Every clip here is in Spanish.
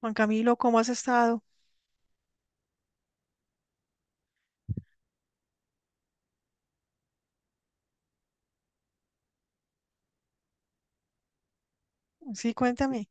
Juan Camilo, ¿cómo has estado? Sí, cuéntame.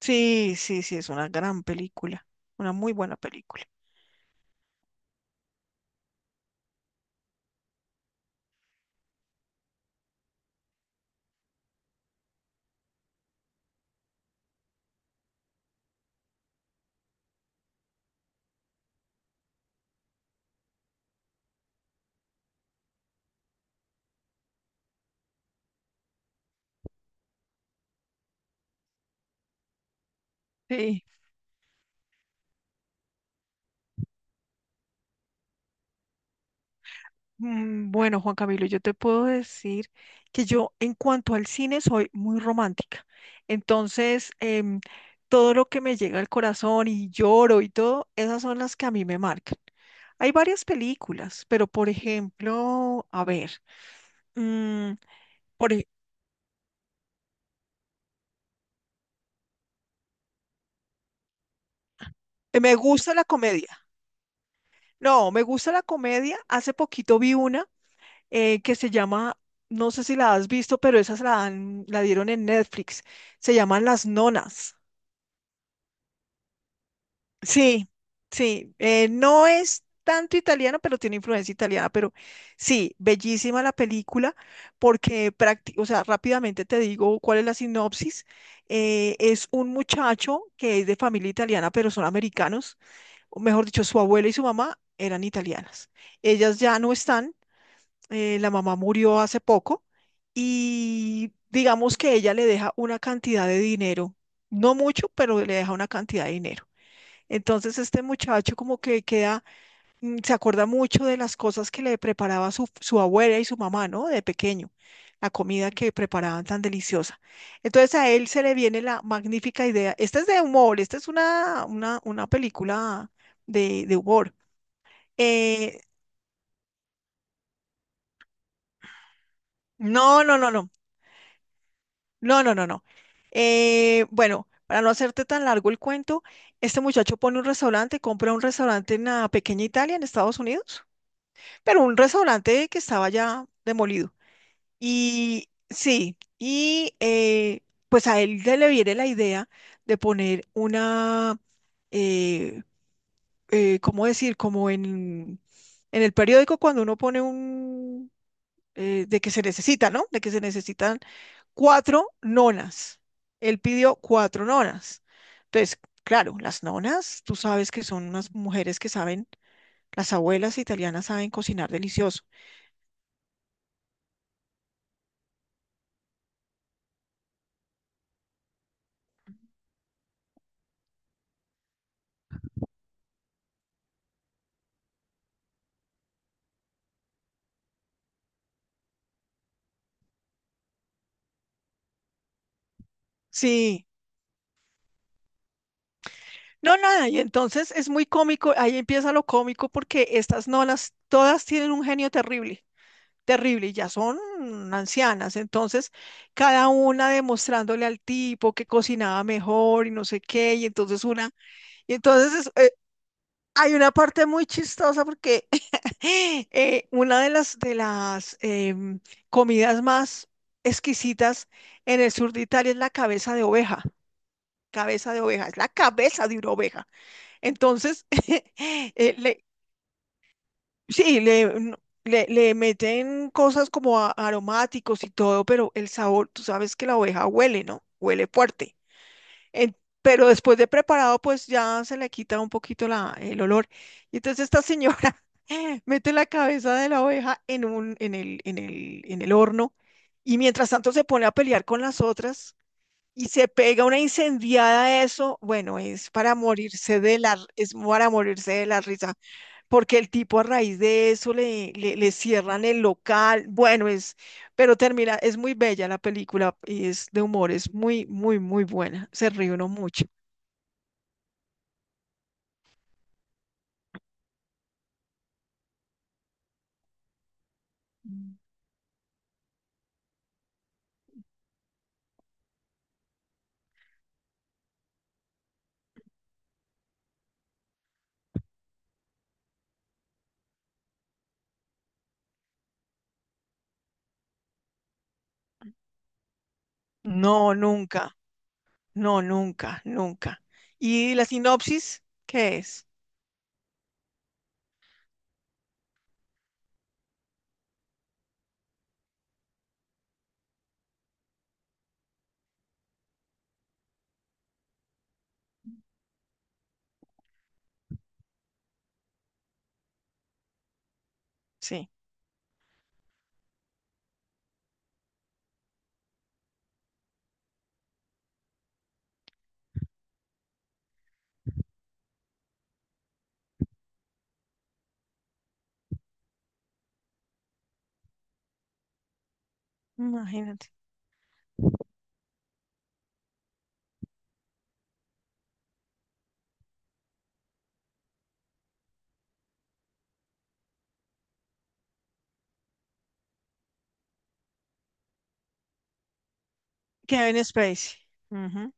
Sí, sí, sí, es una gran película, una muy buena película. Sí. Mm, bueno, Juan Camilo, yo te puedo decir que yo en cuanto al cine soy muy romántica. Entonces, todo lo que me llega al corazón y lloro y todo, esas son las que a mí me marcan. Hay varias películas, pero por ejemplo, a ver. Mm, por ej- Me gusta la comedia. No, me gusta la comedia. Hace poquito vi una que se llama, no sé si la has visto, pero esas la dieron en Netflix. Se llaman Las Nonas. Sí, sí, no es tanto italiano, pero tiene influencia italiana, pero sí, bellísima la película porque, o sea, rápidamente te digo cuál es la sinopsis. Es un muchacho que es de familia italiana, pero son americanos, o mejor dicho, su abuela y su mamá eran italianas. Ellas ya no están, la mamá murió hace poco y digamos que ella le deja una cantidad de dinero, no mucho, pero le deja una cantidad de dinero. Entonces este muchacho como que queda, se acuerda mucho de las cosas que le preparaba su abuela y su mamá, ¿no? De pequeño, la comida que preparaban tan deliciosa. Entonces a él se le viene la magnífica idea. Esta es de humor, esta es una película de humor. Eh, no, no, no, no. No, no, no, no. Bueno, para no hacerte tan largo el cuento, este muchacho pone un restaurante, compra un restaurante en la pequeña Italia, en Estados Unidos, pero un restaurante que estaba ya demolido. Y sí, pues a él le viene la idea de poner una, eh, ¿cómo decir? Como en el periódico cuando uno pone un, de que se necesita, ¿no? De que se necesitan cuatro nonas. Él pidió cuatro nonas. Entonces, claro, las nonas, tú sabes que son unas mujeres que saben, las abuelas italianas saben cocinar delicioso. Sí, no, nada, y entonces es muy cómico, ahí empieza lo cómico porque estas nonas todas tienen un genio terrible, terrible, y ya son ancianas, entonces cada una demostrándole al tipo que cocinaba mejor y no sé qué, y entonces una, y entonces es, hay una parte muy chistosa porque una de las comidas más exquisitas en el sur de Italia es la cabeza de oveja. Cabeza de oveja, es la cabeza de una oveja. Entonces, sí, le meten cosas como aromáticos y todo, pero el sabor, tú sabes que la oveja huele, ¿no? Huele fuerte. En- pero después de preparado, pues ya se le quita un poquito la, el olor. Y entonces esta señora mete la cabeza de la oveja en un, en el, en el, en el horno y mientras tanto se pone a pelear con las otras y se pega una incendiada a eso. Bueno, es para morirse de la, es para morirse de la risa porque el tipo a raíz de eso le cierran el local. Bueno, es, pero termina, es muy bella la película y es de humor, es muy, muy, muy buena. Se ríe uno mucho. Mm. No, nunca, no, nunca, nunca. ¿Y la sinopsis? ¿Qué es? Sí. Imagínate. Kevin Spacey. Ujú.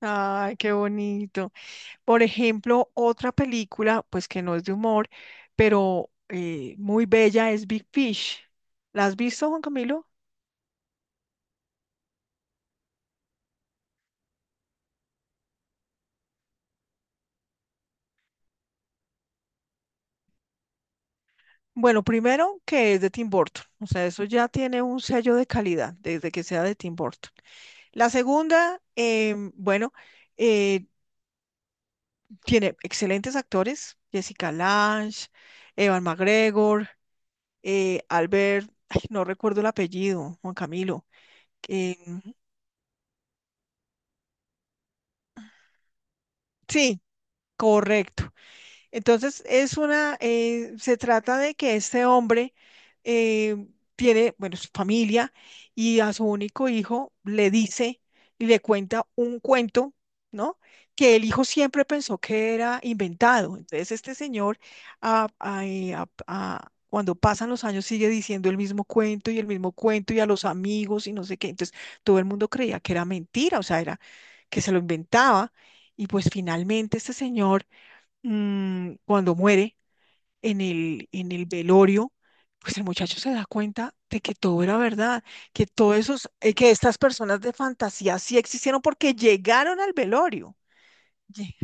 Ay, qué bonito. Por ejemplo, otra película, pues que no es de humor, pero muy bella es Big Fish. ¿La has visto, Juan Camilo? Bueno, primero que es de Tim Burton, o sea, eso ya tiene un sello de calidad desde que sea de Tim Burton. La segunda, bueno, eh, tiene excelentes actores, Jessica Lange, Evan McGregor, Albert, ay, no recuerdo el apellido, Juan Camilo. em, sí, correcto. Entonces, es una, se trata de que este hombre eh, tiene, bueno, su familia y a su único hijo le dice y le cuenta un cuento, ¿no? Que el hijo siempre pensó que era inventado. Entonces, este señor, cuando pasan los años, sigue diciendo el mismo cuento y el mismo cuento y a los amigos y no sé qué. Entonces, todo el mundo creía que era mentira, o sea, era que se lo inventaba. Y pues finalmente este señor cuando muere en el velorio, pues el muchacho se da cuenta de que todo era verdad, que todos esos, que estas personas de fantasía sí existieron porque llegaron al velorio. Lle-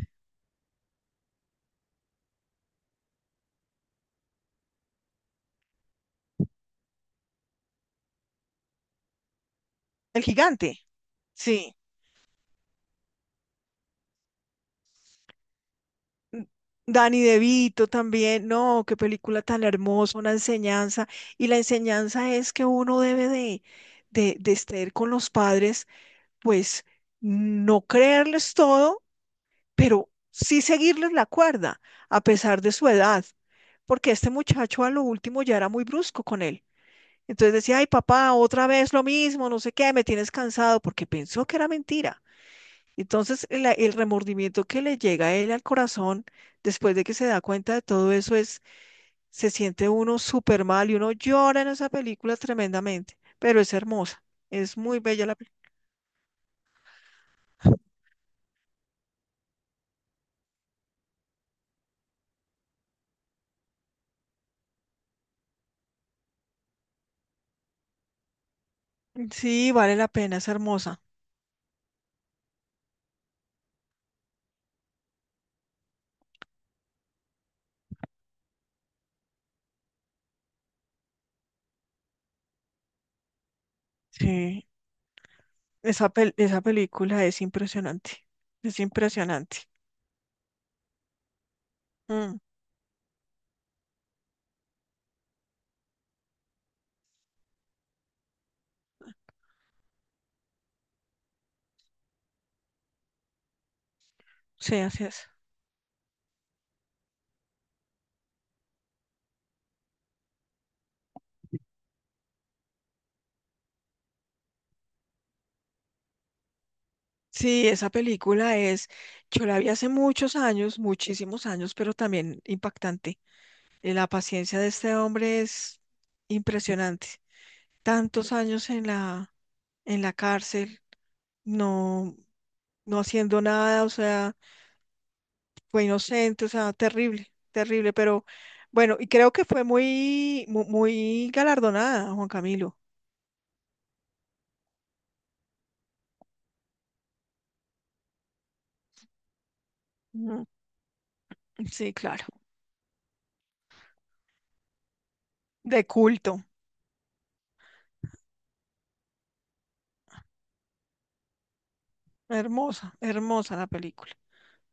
El gigante, sí. N- Danny DeVito también, no, qué película tan hermosa, una enseñanza. Y la enseñanza es que uno debe de estar con los padres, pues no creerles todo pero sí seguirles la cuerda, a pesar de su edad, porque este muchacho a lo último ya era muy brusco con él. Entonces decía, ay papá, otra vez lo mismo, no sé qué, me tienes cansado, porque pensó que era mentira. Entonces el remordimiento que le llega a él al corazón después de que se da cuenta de todo eso es, se siente uno súper mal y uno llora en esa película tremendamente, pero es hermosa, es muy bella la película. Sí, vale la pena, es hermosa. Sí. Esa película es impresionante, es impresionante. Mm, sí, así es. Sí, esa película es, yo la vi hace muchos años, muchísimos años, pero también impactante. La paciencia de este hombre es impresionante. Tantos años en la cárcel, no, no haciendo nada, o sea, fue inocente, o sea, terrible, terrible, pero bueno, y creo que fue muy galardonada, Juan Camilo. Ujú. Sí, claro. De culto. Hermosa, hermosa la película.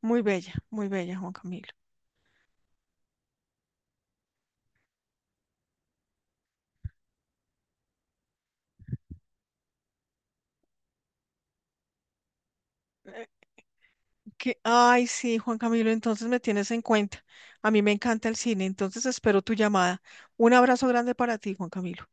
Muy bella, Juan Camilo. Eh, que, ay, sí, Juan Camilo, entonces me tienes en cuenta. A mí me encanta el cine, entonces espero tu llamada. Un abrazo grande para ti, Juan Camilo.